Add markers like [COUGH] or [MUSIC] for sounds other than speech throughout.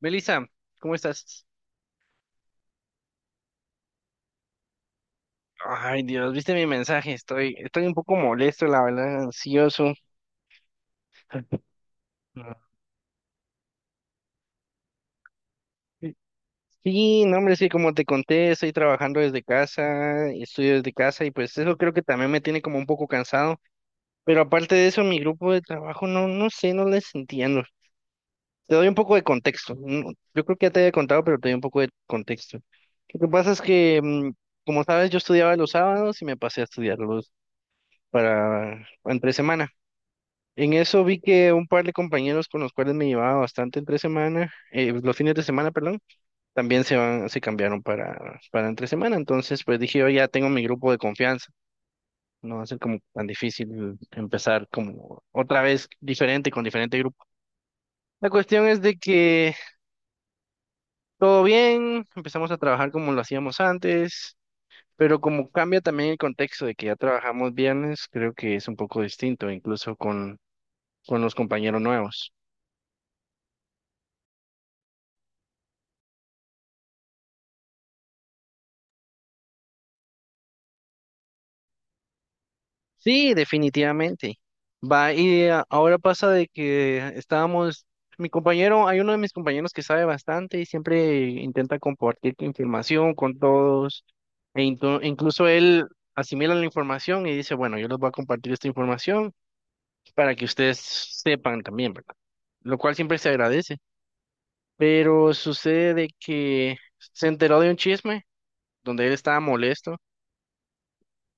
Melissa, ¿cómo estás? Ay, Dios, ¿viste mi mensaje? Estoy un poco molesto, la verdad, ansioso. Ah. Sí, no, hombre, sí, como te conté, estoy trabajando desde casa, estudio desde casa y pues eso creo que también me tiene como un poco cansado. Pero aparte de eso, mi grupo de trabajo, no, no sé, no les entiendo. Te doy un poco de contexto. No, yo creo que ya te había contado, pero te doy un poco de contexto. Lo que pasa es que, como sabes, yo estudiaba los sábados y me pasé a estudiarlos para entre semana. En eso vi que un par de compañeros con los cuales me llevaba bastante entre semana, pues, los fines de semana, perdón, también se van, se cambiaron para, entre semana. Entonces, pues dije, yo ya tengo mi grupo de confianza. No va a ser como tan difícil empezar como otra vez diferente con diferente grupo. La cuestión es de que todo bien, empezamos a trabajar como lo hacíamos antes, pero como cambia también el contexto de que ya trabajamos viernes, creo que es un poco distinto, incluso con los compañeros nuevos. Sí, definitivamente. Va, y ahora pasa de que estábamos, mi compañero, hay uno de mis compañeros que sabe bastante y siempre intenta compartir información con todos, e incluso él asimila la información y dice, bueno, yo les voy a compartir esta información para que ustedes sepan también, ¿verdad? Lo cual siempre se agradece. Pero sucede de que se enteró de un chisme donde él estaba molesto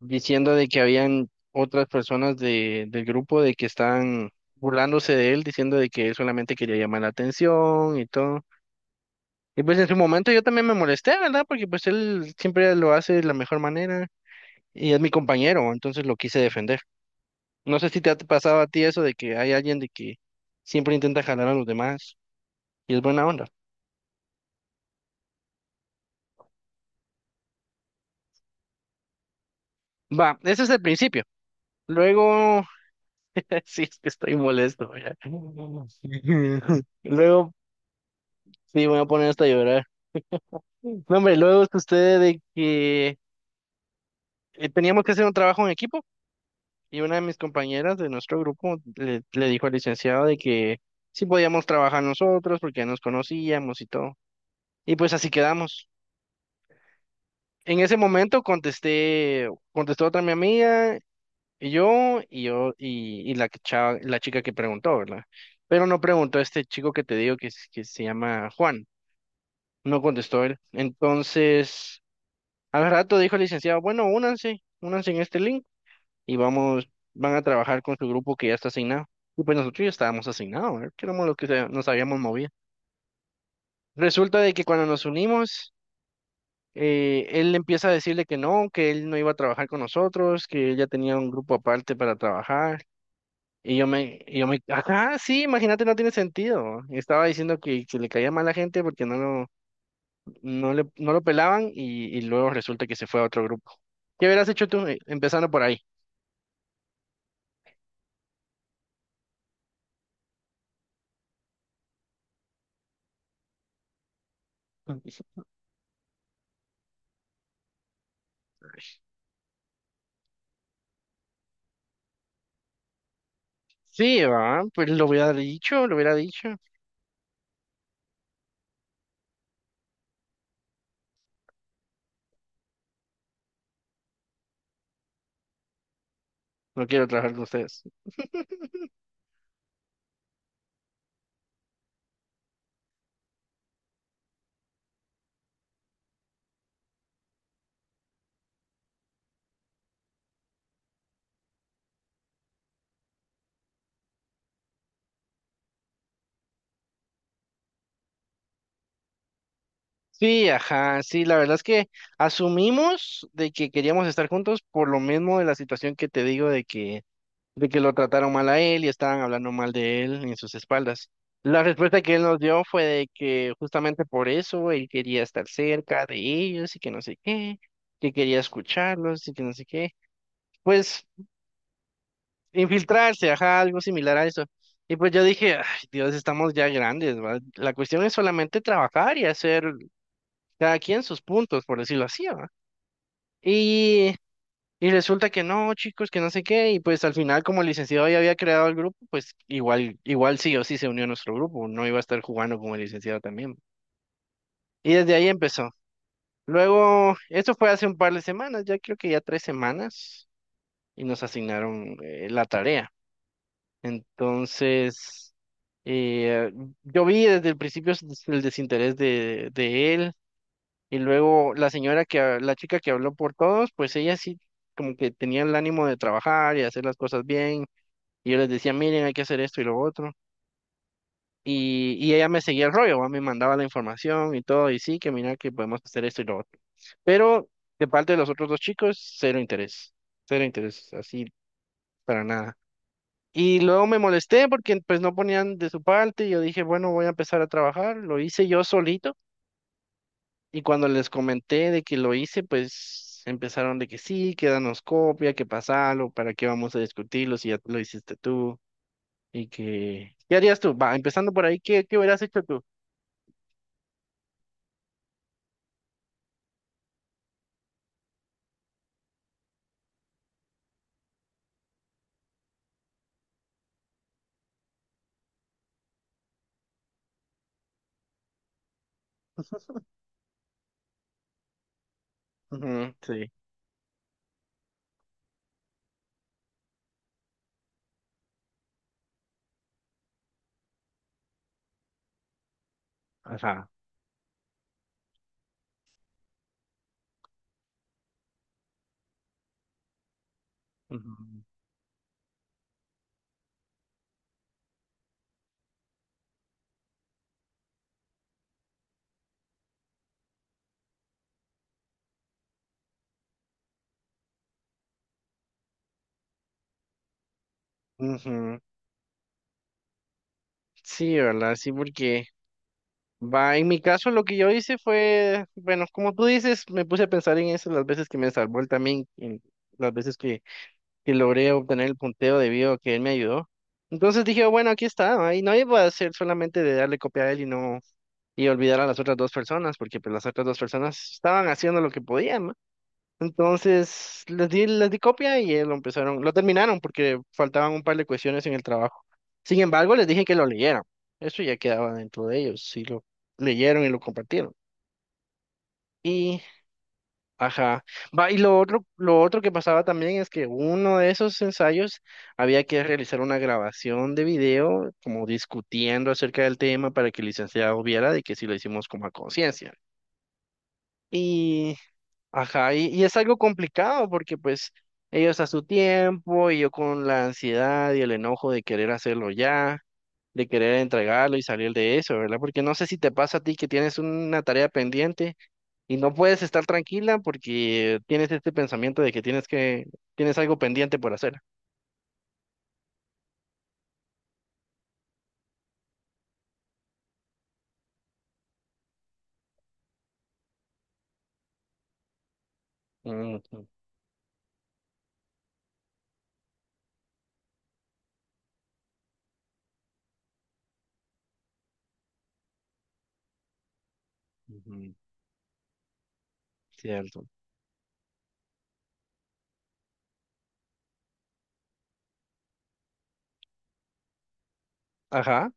diciendo de que habían otras personas de, del grupo de que estaban burlándose de él, diciendo de que él solamente quería llamar la atención y todo. Y pues en su momento yo también me molesté, ¿verdad? Porque pues él siempre lo hace de la mejor manera y es mi compañero, entonces lo quise defender. No sé si te ha pasado a ti eso de que hay alguien de que siempre intenta jalar a los demás y es buena onda. Va, ese es el principio. Luego, [LAUGHS] sí, es que estoy molesto, ¿verdad? [LAUGHS] Luego, sí, me voy a poner hasta llorar. No, hombre, luego sucede de que teníamos que hacer un trabajo en equipo y una de mis compañeras de nuestro grupo le dijo al licenciado de que sí podíamos trabajar nosotros porque ya nos conocíamos y todo. Y pues así quedamos. En ese momento contestó otra mi amiga y yo y la la chica que preguntó, ¿verdad? Pero no preguntó este chico que te digo que, que se llama Juan. No contestó él. Entonces, al rato dijo el licenciado, bueno, únanse, únanse en este link. Y vamos, van a trabajar con su grupo que ya está asignado. Y pues nosotros ya estábamos asignados, ¿verdad? Que éramos los que nos habíamos movido. Resulta de que cuando nos unimos, él empieza a decirle que no, que él no iba a trabajar con nosotros, que él ya tenía un grupo aparte para trabajar. Ajá, sí, imagínate, no tiene sentido. Estaba diciendo que le caía mal a la gente porque no lo pelaban y luego resulta que se fue a otro grupo. ¿Qué hubieras hecho tú empezando por ahí? [LAUGHS] Sí, va, pues lo hubiera dicho, lo hubiera dicho. No quiero trabajar con ustedes. Sí, ajá, sí, la verdad es que asumimos de que queríamos estar juntos por lo mismo de la situación que te digo de que lo trataron mal a él y estaban hablando mal de él en sus espaldas. La respuesta que él nos dio fue de que justamente por eso él quería estar cerca de ellos y que no sé qué, que quería escucharlos y que no sé qué. Pues infiltrarse, ajá, algo similar a eso. Y pues yo dije, ay, Dios, estamos ya grandes, ¿va? La cuestión es solamente trabajar y hacer cada quien sus puntos, por decirlo así, ¿va? Y, y resulta que no, chicos, que no sé qué, y pues al final como el licenciado ya había creado el grupo, pues igual, igual sí o sí se unió a nuestro grupo, no iba a estar jugando con el licenciado también. Y desde ahí empezó. Luego, esto fue hace un par de semanas, ya creo que ya tres semanas, y nos asignaron la tarea. Entonces, eh, yo vi desde el principio el desinterés de él. Y luego la señora que, la chica que habló por todos, pues ella sí como que tenía el ánimo de trabajar y hacer las cosas bien. Y yo les decía, miren, hay que hacer esto y lo otro. Y ella me seguía el rollo, ¿va? Me mandaba la información y todo, y sí, que mira que podemos hacer esto y lo otro. Pero de parte de los otros dos chicos, cero interés, así para nada. Y luego me molesté porque pues no ponían de su parte y yo dije, bueno, voy a empezar a trabajar, lo hice yo solito. Y cuando les comenté de que lo hice, pues empezaron de que sí, que danos copia, que pasalo, para qué vamos a discutirlo si ya lo hiciste tú y que... ¿Qué harías tú? Va, empezando por ahí, ¿qué, qué hubieras hecho tú? Ujú, sí, ajá. Ujú. Ujú, sí, ¿verdad? Sí, porque... Va, en mi caso lo que yo hice fue, bueno, como tú dices, me puse a pensar en eso las veces que me salvó él también, en las veces que logré obtener el punteo debido a que él me ayudó. Entonces dije, bueno, aquí está, ¿va? Y no iba a ser solamente de darle copia a él y no, y olvidar a las otras dos personas, porque pues las otras dos personas estaban haciendo lo que podían, ¿no? Entonces les di copia y lo empezaron, lo terminaron porque faltaban un par de cuestiones en el trabajo. Sin embargo, les dije que lo leyeran. Eso ya quedaba dentro de ellos, si lo leyeron y lo compartieron. Y, ajá. Va, y lo otro que pasaba también es que uno de esos ensayos había que realizar una grabación de video, como discutiendo acerca del tema para que el licenciado viera de que si lo hicimos como a conciencia. Y ajá, y es algo complicado porque pues ellos a su tiempo y yo con la ansiedad y el enojo de querer hacerlo ya, de querer entregarlo y salir de eso, ¿verdad? Porque no sé si te pasa a ti que tienes una tarea pendiente y no puedes estar tranquila porque tienes este pensamiento de que, tienes algo pendiente por hacer. Ujú, ujú, cierto. Ajá.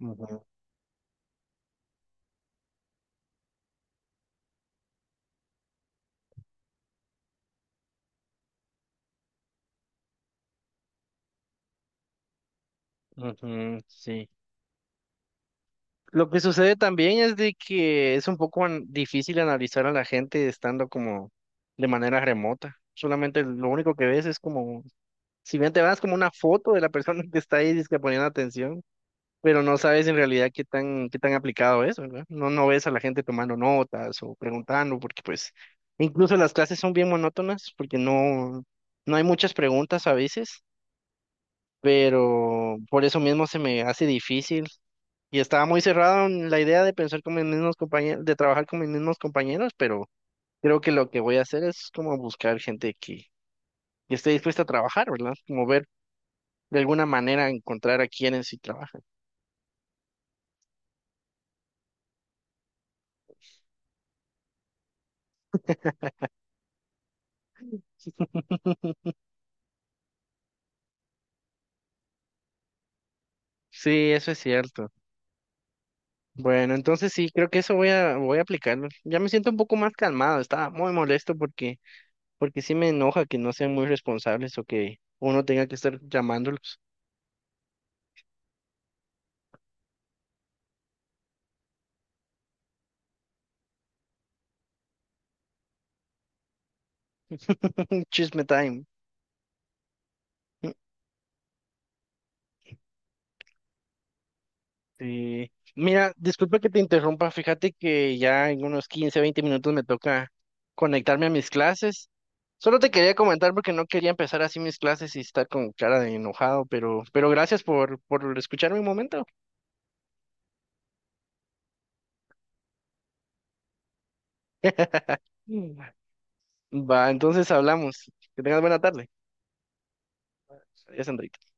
Ujú, ujú, sí. Lo que sucede también es de que es un poco difícil analizar a la gente estando como de manera remota. Solamente lo único que ves es como, si bien te vas como una foto de la persona [LAUGHS] que está ahí dizque poniendo atención, pero no sabes en realidad qué tan, aplicado es, ¿verdad? No, no ves a la gente tomando notas o preguntando, porque pues incluso las clases son bien monótonas, porque no hay muchas preguntas a veces, pero por eso mismo se me hace difícil. Y estaba muy cerrado en la idea de pensar con mis mismos compañeros, de trabajar con mis mismos compañeros, pero creo que lo que voy a hacer es como buscar gente que esté dispuesta a trabajar, ¿verdad? Como ver de alguna manera encontrar a quienes sí trabajan. [LAUGHS] Sí, eso es cierto. Bueno, entonces sí, creo que eso voy a aplicarlo. Ya me siento un poco más calmado, estaba muy molesto porque sí me enoja que no sean muy responsables o que uno tenga que estar llamándolos. [LAUGHS] Chisme time. Sí. Mira, disculpa que te interrumpa, fíjate que ya en unos 15, 20 minutos me toca conectarme a mis clases. Solo te quería comentar porque no quería empezar así mis clases y estar con cara de enojado, pero gracias por escucharme un momento. Mm. [LAUGHS] Va, entonces hablamos. Que tengas buena tarde. Adiós, Andrés.